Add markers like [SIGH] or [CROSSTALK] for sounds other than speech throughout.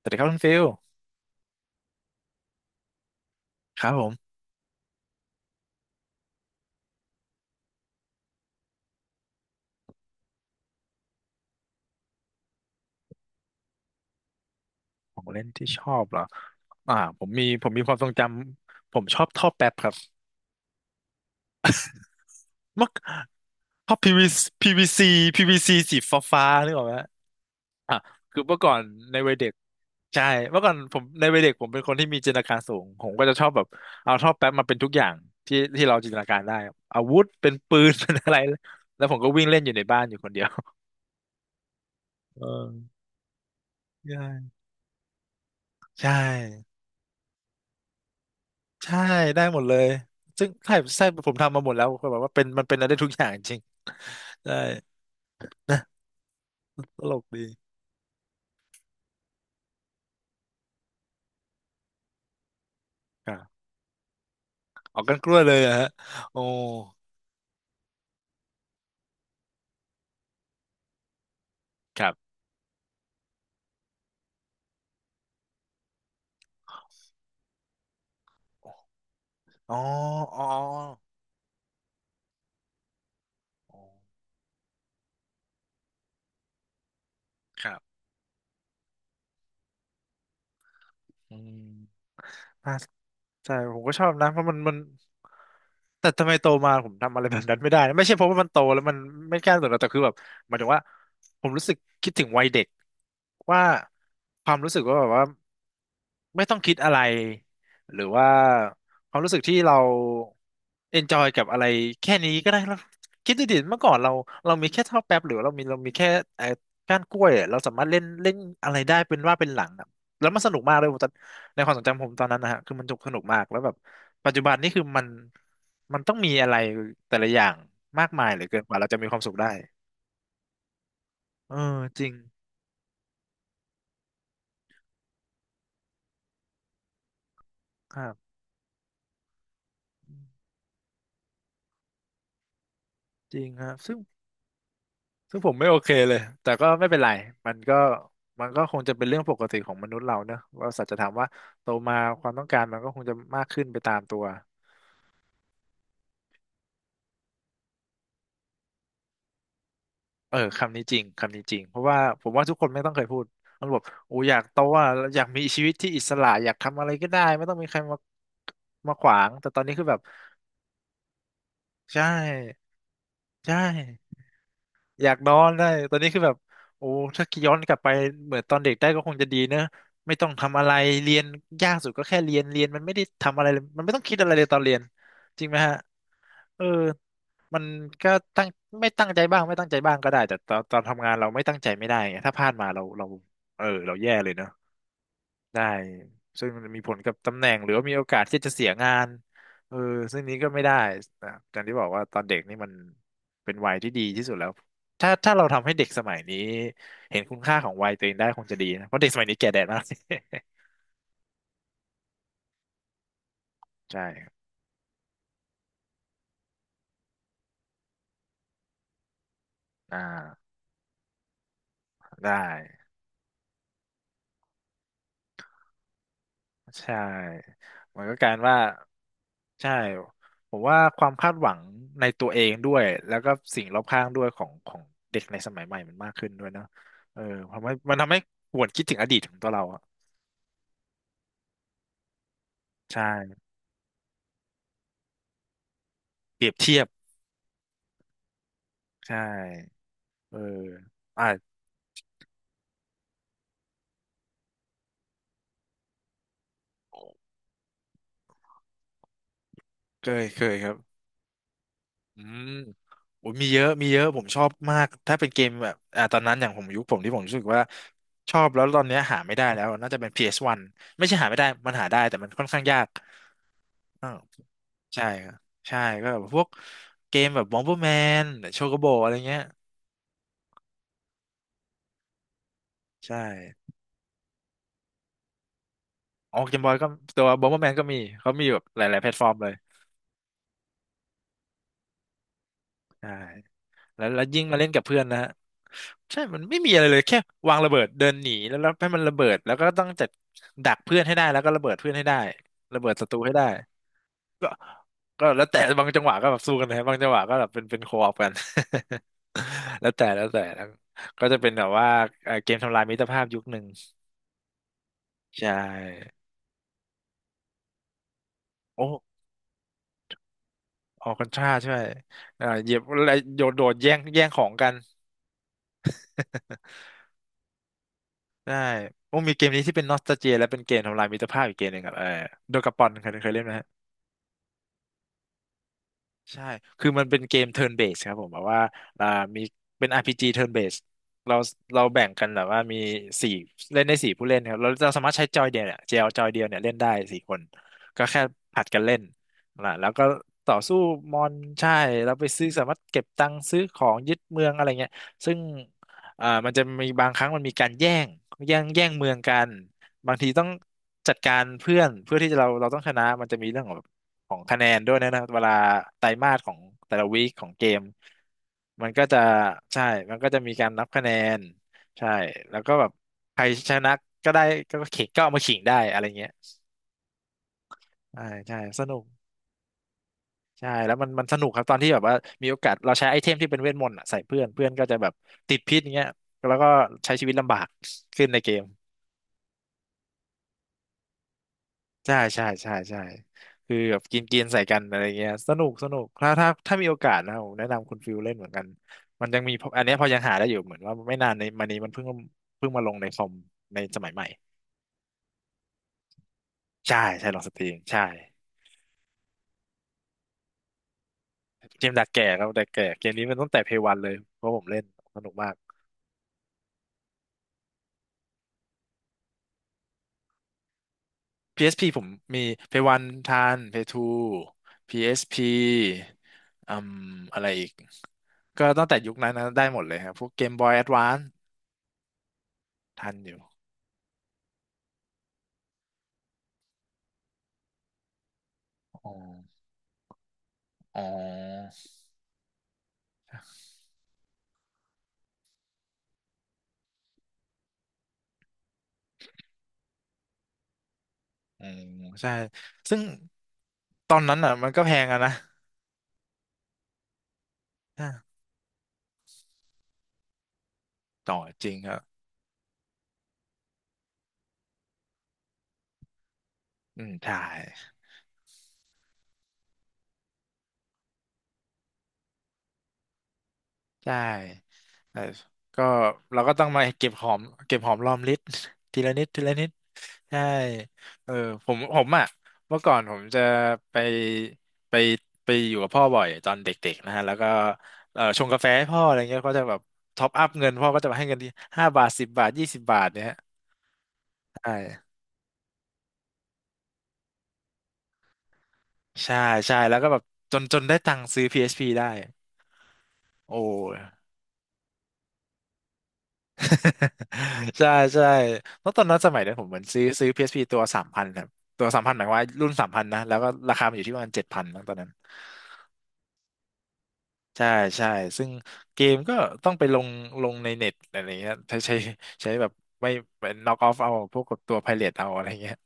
สวัสดีครับคุณฟิลครับผมของเล่นที่ชอบเหรออ่าผมมีความทรงจำผมชอบท่อแป๊บครับเมื่อท่อพี v ี p ี c ี v ีซีพีวีซีสีฟ้าฟ้านึกออกไหมฮะอ่ะคือเมื่อก่อนในวัยเด็กใช่เมื่อก่อนผมในวัยเด็กผมเป็นคนที่มีจินตนาการสูงผมก็จะชอบแบบเอาท่อแป๊บมาเป็นทุกอย่างที่ที่เราจินตนาการได้อาวุธเป็นปืน [LAUGHS] เป็นอะไรแล้วผมก็วิ่งเล่นอยู่ในบ้านอยู่คนเดียวเออใช่ใช่ ใช่ได้หมดเลยซึ่งใช่ใช่ผมทำมาหมดแล้วคือแบบว่าเป็นมันเป็นอะไรได้ทุกอย่างจริงได้ตลกดีครับออกกันกล้วยเลยเหรอฮะโอ้ครับอ๋ออ๋ออ๋อครับอืมน่าใช่ผมก็ชอบนะเพราะมันแต่ทำไมโตมาผมทำอะไรแบบนั้นไม่ได้นะไม่ใช่เพราะว่ามันโตแล้วมันไม่กล้าสนหรอกแต่คือแบบหมายถึงว่าผมรู้สึกคิดถึงวัยเด็กว่าความรู้สึกว่าแบบว่า ไม่ต้องคิดอะไรหรือว่าความรู้สึกที่เราเอนจอยกับอะไรแค่นี้ก็ได้เราคิดดูดิเมื่อก่อนเราเรามีแค่เท่าวแป๊บหรือเรามีแค่ไอ้ก้านกล้วยอะเราสามารถเล่นเล่นอะไรได้เป็นว่าเป็นหลังอะแล้วมันสนุกมากเลยผมตอนในความทรงจำผมตอนนั้นนะฮะคือมันสนุกมากแล้วแบบปัจจุบันนี่คือมันมันต้องมีอะไรแต่ละอย่างมากมายเหลือเกินกว่าเราจะมีความสุขได้เออจริงครับจริงครับซึ่ง ผมไม่โอเคเลยแต่ก็ไม่เป็นไรมันก็มันก็คงจะเป็นเรื่องปกติของมนุษย์เราเนอะว่าสัจธรรมว่าโตมาความต้องการมันก็คงจะมากขึ้นไปตามตัวเออคำนี้จริงคำนี้จริงเพราะว่าผมว่าทุกคนไม่ต้องเคยพูดมันบอกโอ้อยากโตอ่ะอยากมีชีวิตที่อิสระอยากทำอะไรก็ได้ไม่ต้องมีใครมาขวางแต่ตอนนี้คือแบบใช่ใช่ อยากนอนได้ตอนนี้คือแบบโอ้ถ้าย้อนกลับไปเหมือนตอนเด็กได้ก็คงจะดีเนอะไม่ต้องทำอะไรเรียนยากสุดก็แค่เรียนเรียนมันไม่ได้ทำอะไรเลยมันไม่ต้องคิดอะไรเลยตอนเรียนจริงไหมฮะเออมันก็ตั้งไม่ตั้งใจบ้างไม่ตั้งใจบ้างก็ได้แต่ตอนทำงานเราไม่ตั้งใจไม่ได้ไงถ้าพลาดมาเราเออเราแย่เลยเนอะ ได้ ซึ่งมันมีผลกับตำแหน่งหรือว่ามีโอกาสที่จะเสียงานเออซึ่งนี้ก็ไม่ได้นะอย่างที่บอกว่าตอนเด็กนี่มันเป็นวัยที่ดีที่สุดแล้ว ถ้าเราทำให้เด็กสมัยนี้เห็นคุณค่าของวัยตัวเองได้คงจะดีนะ เพราะเด็กสมัยนี้แก่แดดมาก [LAUGHS] ใช่ครับอ่าได้ ใช่มันก็การว่าใช่ผมว่าความคาดหวังในตัวเองด้วยแล้วก็สิ่งรอบข้างด้วยของของเด็กในสมัยใหม่มันมากขึ้นด้วยเนอะเออทำให้มันทำให้หวนคิดถึงอดีตของตัวเราอะใช่เปรียบเทียบใช่เอออ่าเคยเคยครับอืมโอ้ยมีเยอะมีเยอะผมชอบมากถ้าเป็นเกมแบบตอนนั้นอย่างผมยุคผมที่ผมรู้สึกว่าชอบแล้วตอนเนี้ยหาไม่ได้แล้วน่าจะเป็นพีเอสวันไม่ใช่หาไม่ได้มันหาได้แต่มันค่อนข้างยาก ใช่ครับใช่ก็แบบพวกเกมแบบบอมเบอร์แมนโชโกโบอะไรเงี้ยใช่ออกเกมบอยก็ตัวบอมเบอร์แมนก็มีเขามีแบบหลายๆแพลตฟอร์มเลยใช่แล้วยิ่งมาเล่นกับเพื่อนนะฮะใช่มันไม่มีอะไรเลยแค่วางระเบิดเดินหนีแล้วให้มันระเบิดแล้วก็ต้องจัดดักเพื่อนให้ได้แล้วก็ระเบิดเพื่อนให้ได้ระเบิดศัตรูให้ได้ก็ก็แล้วแต่บางจังหวะก็แบบสู้กันนะบางจังหวะก็แบบเป็นโคออกัน [LAUGHS] แล้วแต่แล้วแต่แล้วก็จะเป็นแบบว่าเกมทำลายมิตรภาพยุคหนึ่ง ใช่โอ้ ออกกันท่าใช่เอ่าเหยียบอะไรโดดโดด แย่งของกัน [LAUGHS] ได้ โอ้มีเกมนี้ที่เป็นนอสตาเจียและเป็นเกมทำลายมิตรภาพอีกเกมหนึ่งครับเออโดกาปอนเคยเล่นไหม ใช่ คือมันเป็นเกม turn based ครับผมแบบว่าอ่า มีเป็น RPG turn based เราเราแบ่งกันแบบว่ามีสี่เล่นได้สี่ผู้เล่นครับเราสามารถใช้จอยเดียวเนี่ยเจลจอยเดียวเนี่ยเล่นได้สี่คน ก็แค่ผลัดกันเล่นนะแล้วก็ต่อสู้มอนใช่เราไปซื้อสามารถเก็บตังค์ซื้อของยึดเมืองอะไรเงี้ยซึ่งมันจะมีบางครั้งมันมีการแย่งแย่งเมืองกัน บางทีต้องจัดการเพื่อนเพื่อที่จะเราต้องชนะมันจะมีเรื่องของ ของคะแนนด้วยนะเวลาไตรมาสของแต่ละวีคของเกมมันก็จะใช่มันก็จะมีการนับคะแนนใช่แล้วก็แบบใครชนะก็ได้ก็เข่งก็เอามาขิงได้อะไรเงี้ยใช่ใช่สนุกใช่แล้วมันสนุกครับตอนที่แบบว่ามีโอกาสเราใช้ไอเทมที่เป็นเวทมนต์อะใส่เพื่อนเพื่อนก็จะแบบติดพิษอย่างเงี้ยแล้วก็ใช้ชีวิตลำบากขึ้นในเกม ใช่ใช่ใช่ใช่คือแบบกินกินใส่กันอะไรเงี้ยสนุกสนุกถ้ามีโอกาสนะผมแนะนำคุณฟิลเล่นเหมือนกันมันยังมีพออันเนี้ยพอยังหาได้อยู่เหมือนว่าไม่นานในมานี้มันเพิ่งเพิ่งมาลงในคอมในสมัยใหม่ใช่ใช่ลองสตรีมใช่เกมดักแก่ครับดักแก่เกมนี้มันตั้งแต่เพย์วันเลยเพราะผมเล่นสนุกมาก PSP ผมมีเพย์วันทันเพย์ทู PSP อสพีอืมอะไรอีกก็ตั้งแต่ยุคนั้นนะได้หมดเลยครับพวกเกมบอยแอดวานซ์ทันอยู่อ๋อ อ๋ออืมใช่ซึ่งตอนนั้นอ่ะมันก็แพงอะนะอ่ะต่อจริงครับอืมใช่ใช่แต่ก็เราก็ต้องมาเก็บหอมเก็บหอมรอมริบ [LAUGHS] ทีละนิดทีละนิดใช่เออผมอ่ะเมื่อก่อนผมจะไปไปไปอยู่กับพ่อบ่อยตอนเด็กๆนะฮะแล้วก็เออชงกาแฟให้พ่ออะไรเงี้ยก็จะแบบท็อปอัพเงินพ่อก็จะมาให้เงินที่5 บาท 10 บาท 20 บาทเนี่ยฮะใช่ ใช่ใช่แล้วก็แบบจนได้ตังค์ซื้อ PSP ได้โอ้ [LAUGHS] ใช่ใช่เพราะตอนนั้นสมัยนั้นผมเหมือนซื้อ PSP ตัวสามพันครับตัวสามพันหมายความว่ารุ่นสามพันนะแล้วก็ราคามันอยู่ที่ประมาณ7000ตอนนั้นใช่ใช่ซึ่งเกมก็ต้องไปลงลงในเน็ตอะไรเงี้ยใช้แบบไม่เป็นน็อกออฟเอาพวกกับตัวไพเรตเอาอะไรเงี้ย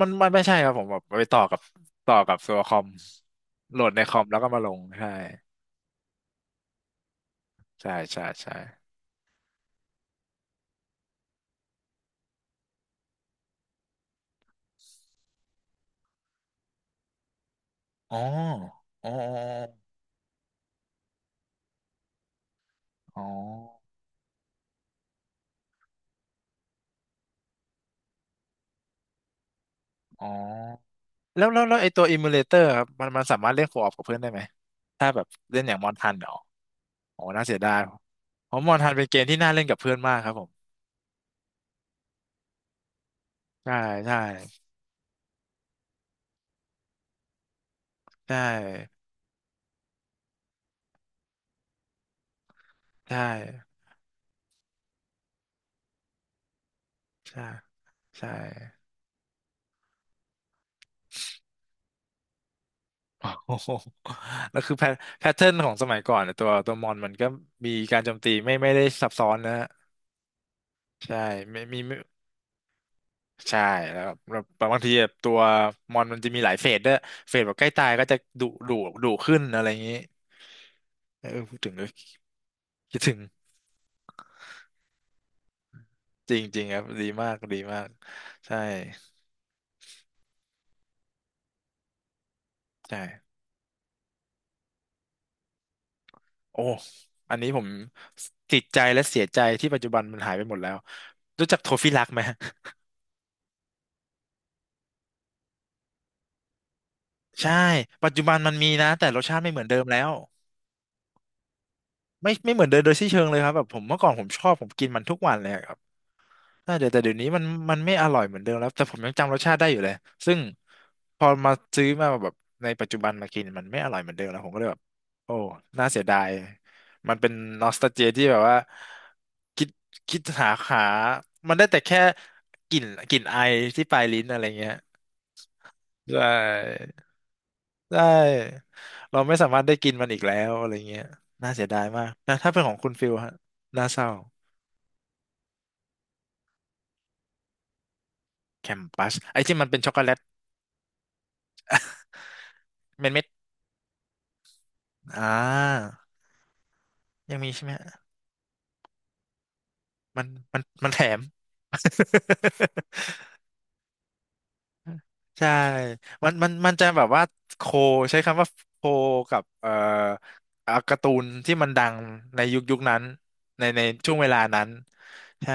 มันไม่ใช่ครับผมแบบไปต่อกับตัวคอมโหลดในคอมแล้วก็มาลงใช่ใช่ใช่ใช่ อ๋ออ๋ออ๋ออ๋อแล้วไอตัว emulator ครับมันสามารถเล่นโคออปกับเพื่อนได้ไหมถ้าแบบเล่นอย่างมอนทันเหรอโอ้น่าเสียดายเพราะมอนทันเป็นเกมที่น่าเล่นกับเพื่อนมากครับผมใช่ใช่ใช่ใช่ใช่ใช่ [LAUGHS] โอ้โหแล้วคือแพทเทิร์นของสมัยก่อนอะตัวตัวมอนมันก็มีการโจมตีไม่ได้ซับซ้อนนะฮะใช่ไม่มี ใช่แล้วบางทีแบบตัวมอนมันจะมีหลายเฟสด้วยเฟสแบบใกล้ตายก็จะดุดุดุขึ้นอะไรอย่างนี้เออพูดถึงก็คิดถึงจริงจริงครับดีมากดีมากใช่ใช่โอ้อันนี้ผมติดใจและเสียใจที่ปัจจุบันมันหายไปหมดแล้วรู้จักโทฟิลักไหมใช่ปัจจุบันมันมีนะแต่รสชาติไม่เหมือนเดิมแล้วไม่เหมือนเดิมโดยสิ้นเชิงเลยครับแบบผมเมื่อก่อนผมชอบผมกินมันทุกวันเลยอะ น่าจะแต่เดี๋ยวนี้มันไม่อร่อยเหมือนเดิมแล้วแต่ผมยังจำรสชาติได้อยู่เลยซึ่งพอมาซื้อมาแบบในปัจจุบันมากินมันไม่อร่อยเหมือนเดิมแล้วผมก็เลยแบบโอ้น่าเสียดายมันเป็นนอสตาเจียที่แบบว่าคิดคิดหามันได้แต่แค่กลิ่นกลิ่นไอที่ปลายลิ้นอะไรเงี้ยใช่ใช่เราไม่สามารถได้กินมันอีกแล้วอะไรเงี้ยน่าเสียดายมากนะถ้าเป็นของคุณฟิลฮะน่าเศร้าแคมปัสไอ้ที่มันเป็นช็อกโกแลตเม็ดๆอ่า ยังมีใช่ไหมฮะมันมันแถม [LAUGHS] ใช่มันจะแบบว่าโคใช้คำว่าโคกับการ์ตูนที่มันดังในยุคยุคนั้นในในช่วงเวลานั้นใช่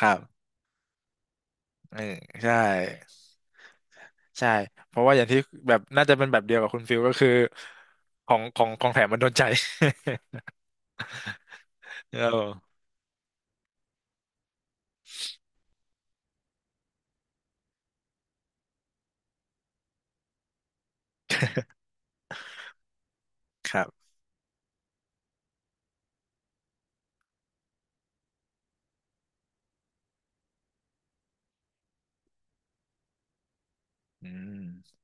ครับเออใช่ใช่เพราะว่าอย่างที่แบบน่าจะเป็นแบบเดียวกับคุณฟิลก็คือของของแถมมันโดนใจ [LAUGHS] เออครับอืม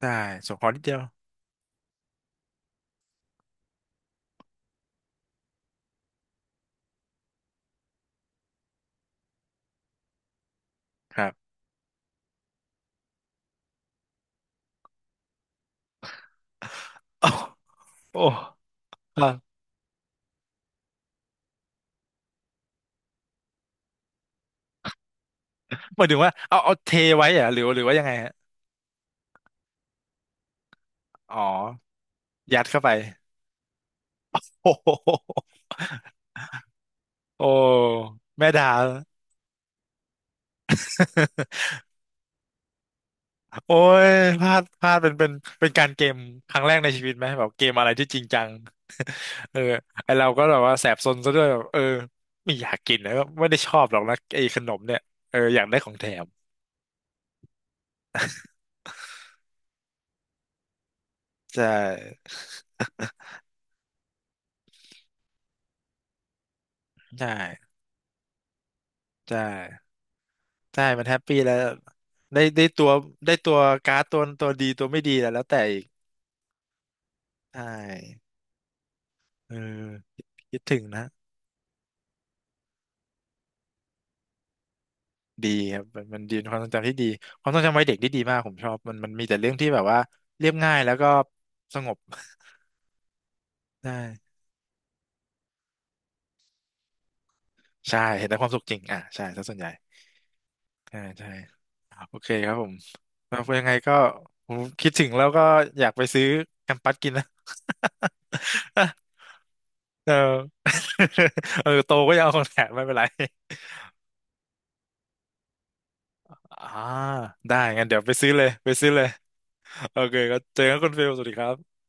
ได้ส่งขอนิดเดียวครับโอ้โอ้ หมายถึงว่าเอาเทไว้เหรอะหรือหรือว่ายังไงฮะอ๋อยัดเข้าไป [LAUGHS] โอ้โหโอ้แม่ดา [LAUGHS] โอ้ยพลาดเป็นเป็นเป็นการเกมครั้งแรกในชีวิตไหมแบบเกมอะไรที่จริงจัง [LAUGHS] เออไอเราก็แบบว่าแสบซนซะด้วยแบบเออไม่อยากกินนะก็ไม่ได้ชอบหรอกนะไอขนมเนี่ยเอออยากได้ของแถมใช่ใช่ใช่ใช่มันแฮปปี้แล้วได้ได้ตัวการ์ดตัวตัวดีตัวไม่ดีแล้วแล้วแต่อีกใช่ เออคิดถึงนะดีครับมันมันดีเป็นความทรงจำที่ดีความทรงจำวัยเด็กที่ดีมากผมชอบมันมันมีแต่เรื่องที่แบบว่าเรียบง่ายแล้วก็สงบ [LAUGHS] ใช่ใช่เห็นแต่ความสุขจริงอ่ะใช่ซะส่วนใหญ่ใช่ใช่โอเคครับผมแล้วยังไงก็ผมคิดถึงแล้วก็อยากไปซื้อแคมปัสกินนะ [LAUGHS] เออ [LAUGHS] เออโตก็ยังเอาของแถมไม่เป็นไรอ่าได้งั้นเดี๋ยวไปซื้อเลยไปซื้อเลยโอเคก็เจอกันคุณฟิลสวัสดีครับ